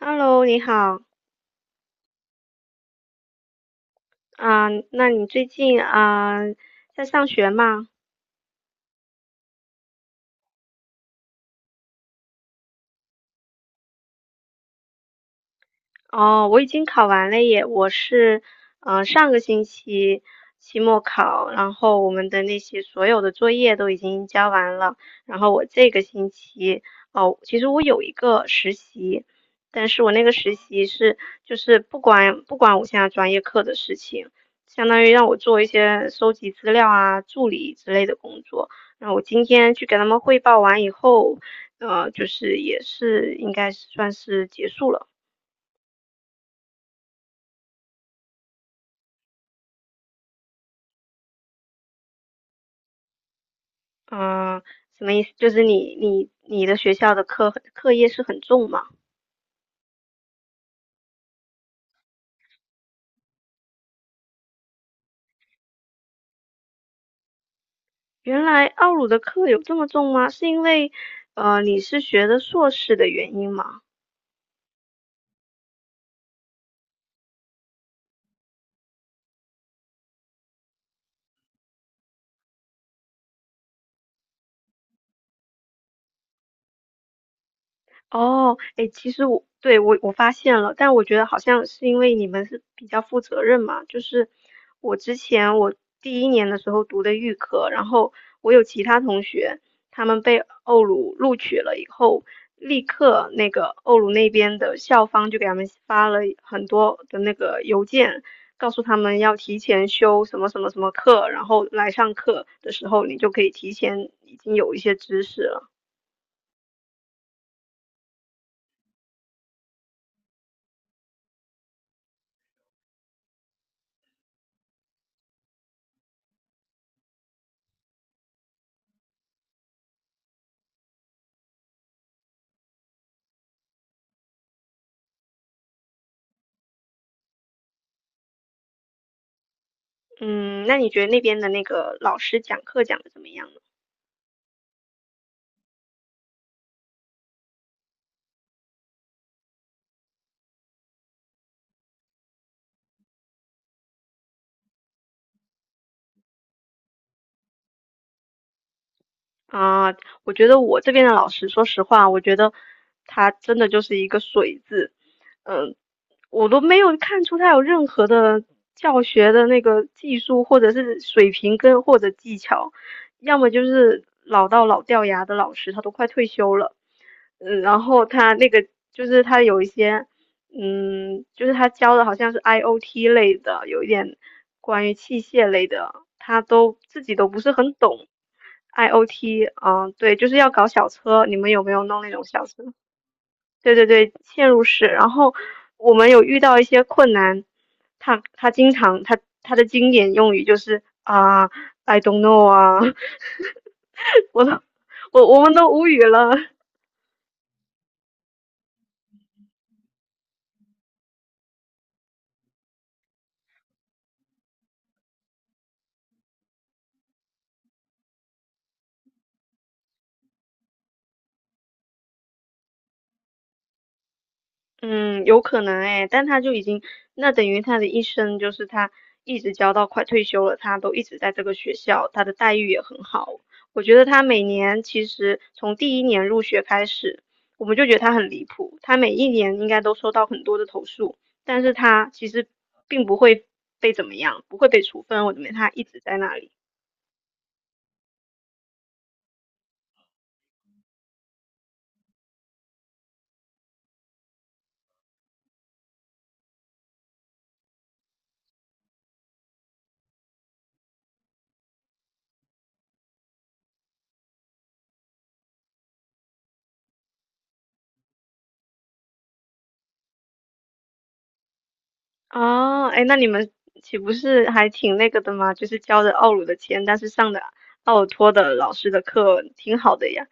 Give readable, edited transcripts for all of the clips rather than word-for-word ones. Hello，你好啊，那你最近啊在上学吗？哦，我已经考完了耶。我是上个星期期末考，然后我们的那些所有的作业都已经交完了。然后我这个星期哦，其实我有一个实习，但是我那个实习是就是不管我现在专业课的事情，相当于让我做一些收集资料啊、助理之类的工作。那我今天去给他们汇报完以后，就是也是应该是算是结束了。嗯，什么意思？就是你的学校的课业是很重吗？原来奥鲁的课有这么重吗？是因为你是学的硕士的原因吗？哦，哎，其实我对我我发现了，但我觉得好像是因为你们是比较负责任嘛。就是我之前我第一年的时候读的预科，然后我有其他同学，他们被欧鲁录取了以后，立刻那个欧鲁那边的校方就给他们发了很多的那个邮件，告诉他们要提前修什么什么什么课，然后来上课的时候你就可以提前已经有一些知识了。嗯，那你觉得那边的那个老师讲课讲的怎么样呢？啊，我觉得我这边的老师，说实话，我觉得他真的就是一个水字。嗯，我都没有看出他有任何的教学的那个技术或者是水平跟或者技巧，要么就是老到老掉牙的老师，他都快退休了。嗯，然后他那个就是他有一些，嗯，就是他教的好像是 IOT 类的，有一点关于器械类的，他都自己都不是很懂。IOT，啊，对，就是要搞小车，你们有没有弄那种小车？对对对，嵌入式。然后我们有遇到一些困难。他经常他的经典用语就是啊，I don't know 啊，我都我们都无语了。嗯，有可能哎，但他就已经，那等于他的一生就是他一直教到快退休了，他都一直在这个学校，他的待遇也很好。我觉得他每年其实从第一年入学开始，我们就觉得他很离谱，他每一年应该都收到很多的投诉，但是他其实并不会被怎么样，不会被处分，我认为他一直在那里。哦，哎，那你们岂不是还挺那个的吗？就是交着奥鲁的钱，但是上的奥尔托的老师的课，挺好的呀。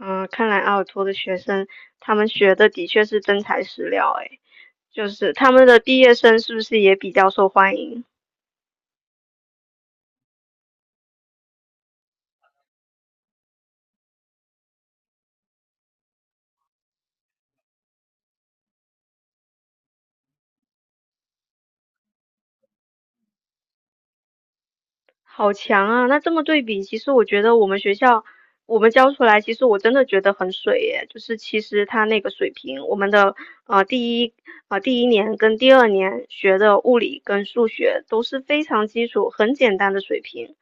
嗯，看来澳洲的学生他们学的的确是真材实料。诶，就是他们的毕业生是不是也比较受欢迎？好强啊！那这么对比，其实我觉得我们学校我们教出来，其实我真的觉得很水耶。就是其实他那个水平，我们的呃第一第一年跟第二年学的物理跟数学都是非常基础、很简单的水平。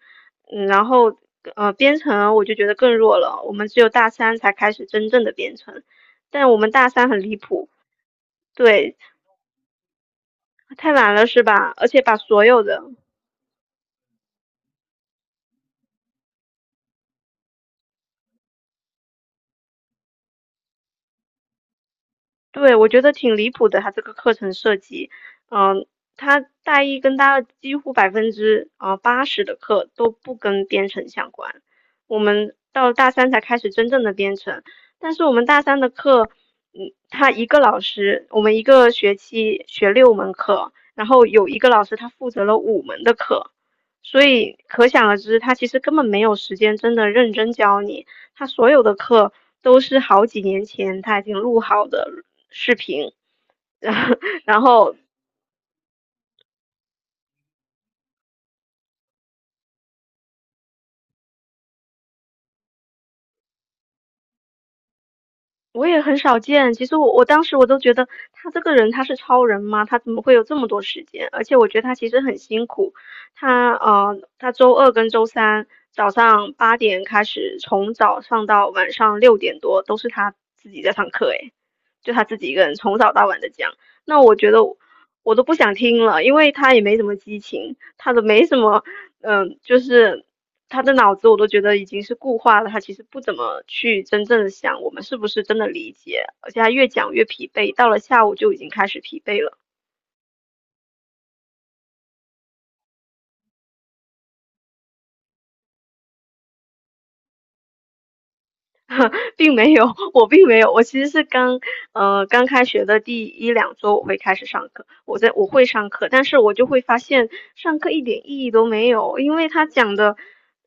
嗯，然后编程我就觉得更弱了，我们只有大三才开始真正的编程，但我们大三很离谱。对，太晚了是吧？而且把所有的对，我觉得挺离谱的，他这个课程设计。嗯，他大一跟大二几乎百分之80的课都不跟编程相关，我们到了大三才开始真正的编程。但是我们大三的课，嗯，他一个老师，我们一个学期学六门课，然后有一个老师他负责了五门的课，所以可想而知，他其实根本没有时间真的认真教你。他所有的课都是好几年前他已经录好的视频，然后然后我也很少见。其实我我当时我都觉得他这个人他是超人吗？他怎么会有这么多时间？而且我觉得他其实很辛苦。他周二跟周三早上8点开始，从早上到晚上6点多都是他自己在上课。诶，就他自己一个人从早到晚的讲。那我觉得我都不想听了，因为他也没什么激情，他都没什么嗯，就是他的脑子我都觉得已经是固化了，他其实不怎么去真正的想我们是不是真的理解，而且他越讲越疲惫，到了下午就已经开始疲惫了。并没有，我并没有。我其实是刚开学的第一两周我会开始上课，我会上课，但是我就会发现上课一点意义都没有，因为他讲的，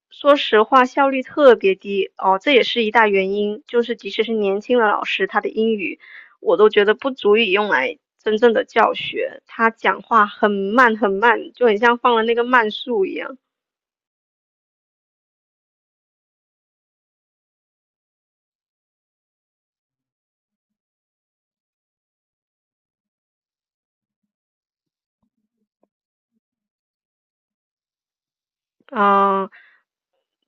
说实话效率特别低哦，这也是一大原因。就是即使是年轻的老师，他的英语我都觉得不足以用来真正的教学，他讲话很慢很慢，就很像放了那个慢速一样。嗯、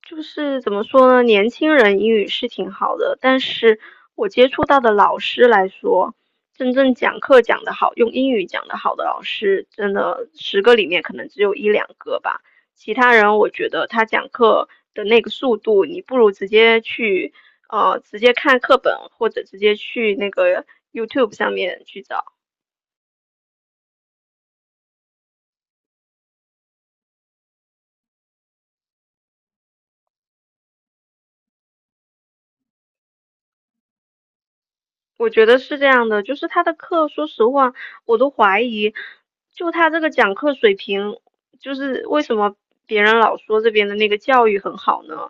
就是怎么说呢，年轻人英语是挺好的，但是我接触到的老师来说，真正讲课讲得好，用英语讲得好的老师，真的10个里面可能只有一两个吧。其他人，我觉得他讲课的那个速度，你不如直接去直接看课本，或者直接去那个 YouTube 上面去找。我觉得是这样的，就是他的课，说实话，我都怀疑，就他这个讲课水平，就是为什么别人老说这边的那个教育很好呢？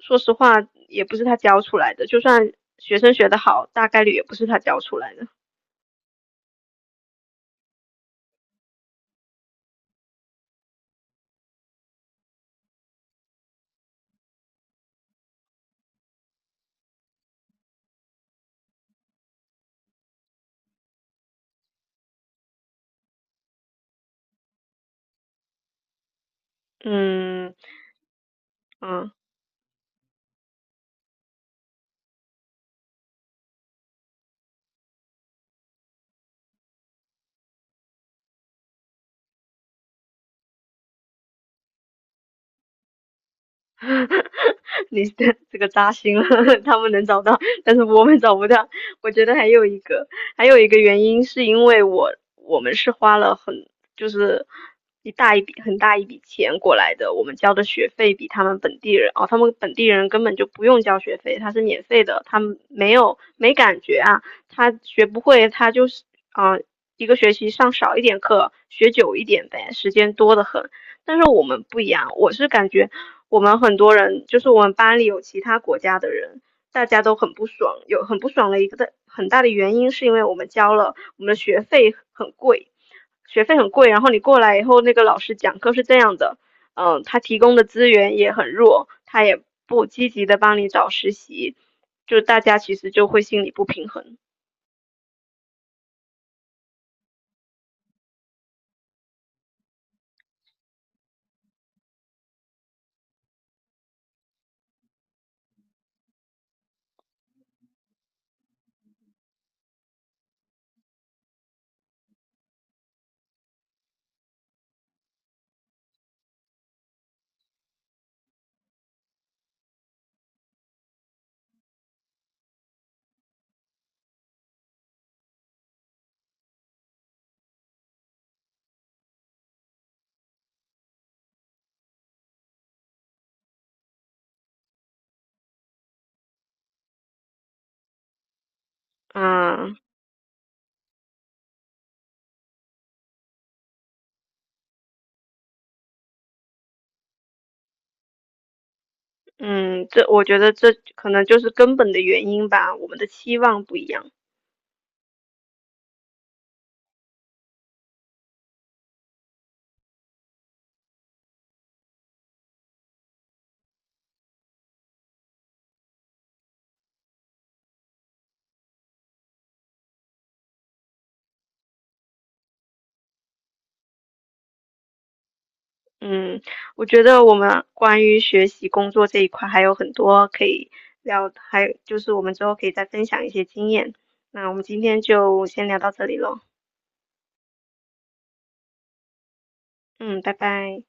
说实话，也不是他教出来的，就算学生学得好，大概率也不是他教出来的。嗯嗯。你这个扎心了，他们能找到，但是我们找不到。我觉得还有一个，还有一个原因是因为我们是花了很就是一大一笔很大一笔钱过来的。我们交的学费比他们本地人哦，他们本地人根本就不用交学费，他是免费的，他们没有没感觉啊。他学不会，他就是啊、一个学期上少一点课，学久一点呗，时间多得很。但是我们不一样，我是感觉我们很多人，就是我们班里有其他国家的人，大家都很不爽，有很不爽的一个的很大的原因是因为我们交了我们的学费很贵，学费很贵，然后你过来以后，那个老师讲课是这样的。嗯，他提供的资源也很弱，他也不积极的帮你找实习，就大家其实就会心里不平衡。嗯嗯，这我觉得这可能就是根本的原因吧，我们的期望不一样。嗯，我觉得我们关于学习、工作这一块还有很多可以聊，还有就是我们之后可以再分享一些经验。那我们今天就先聊到这里喽。嗯，拜拜。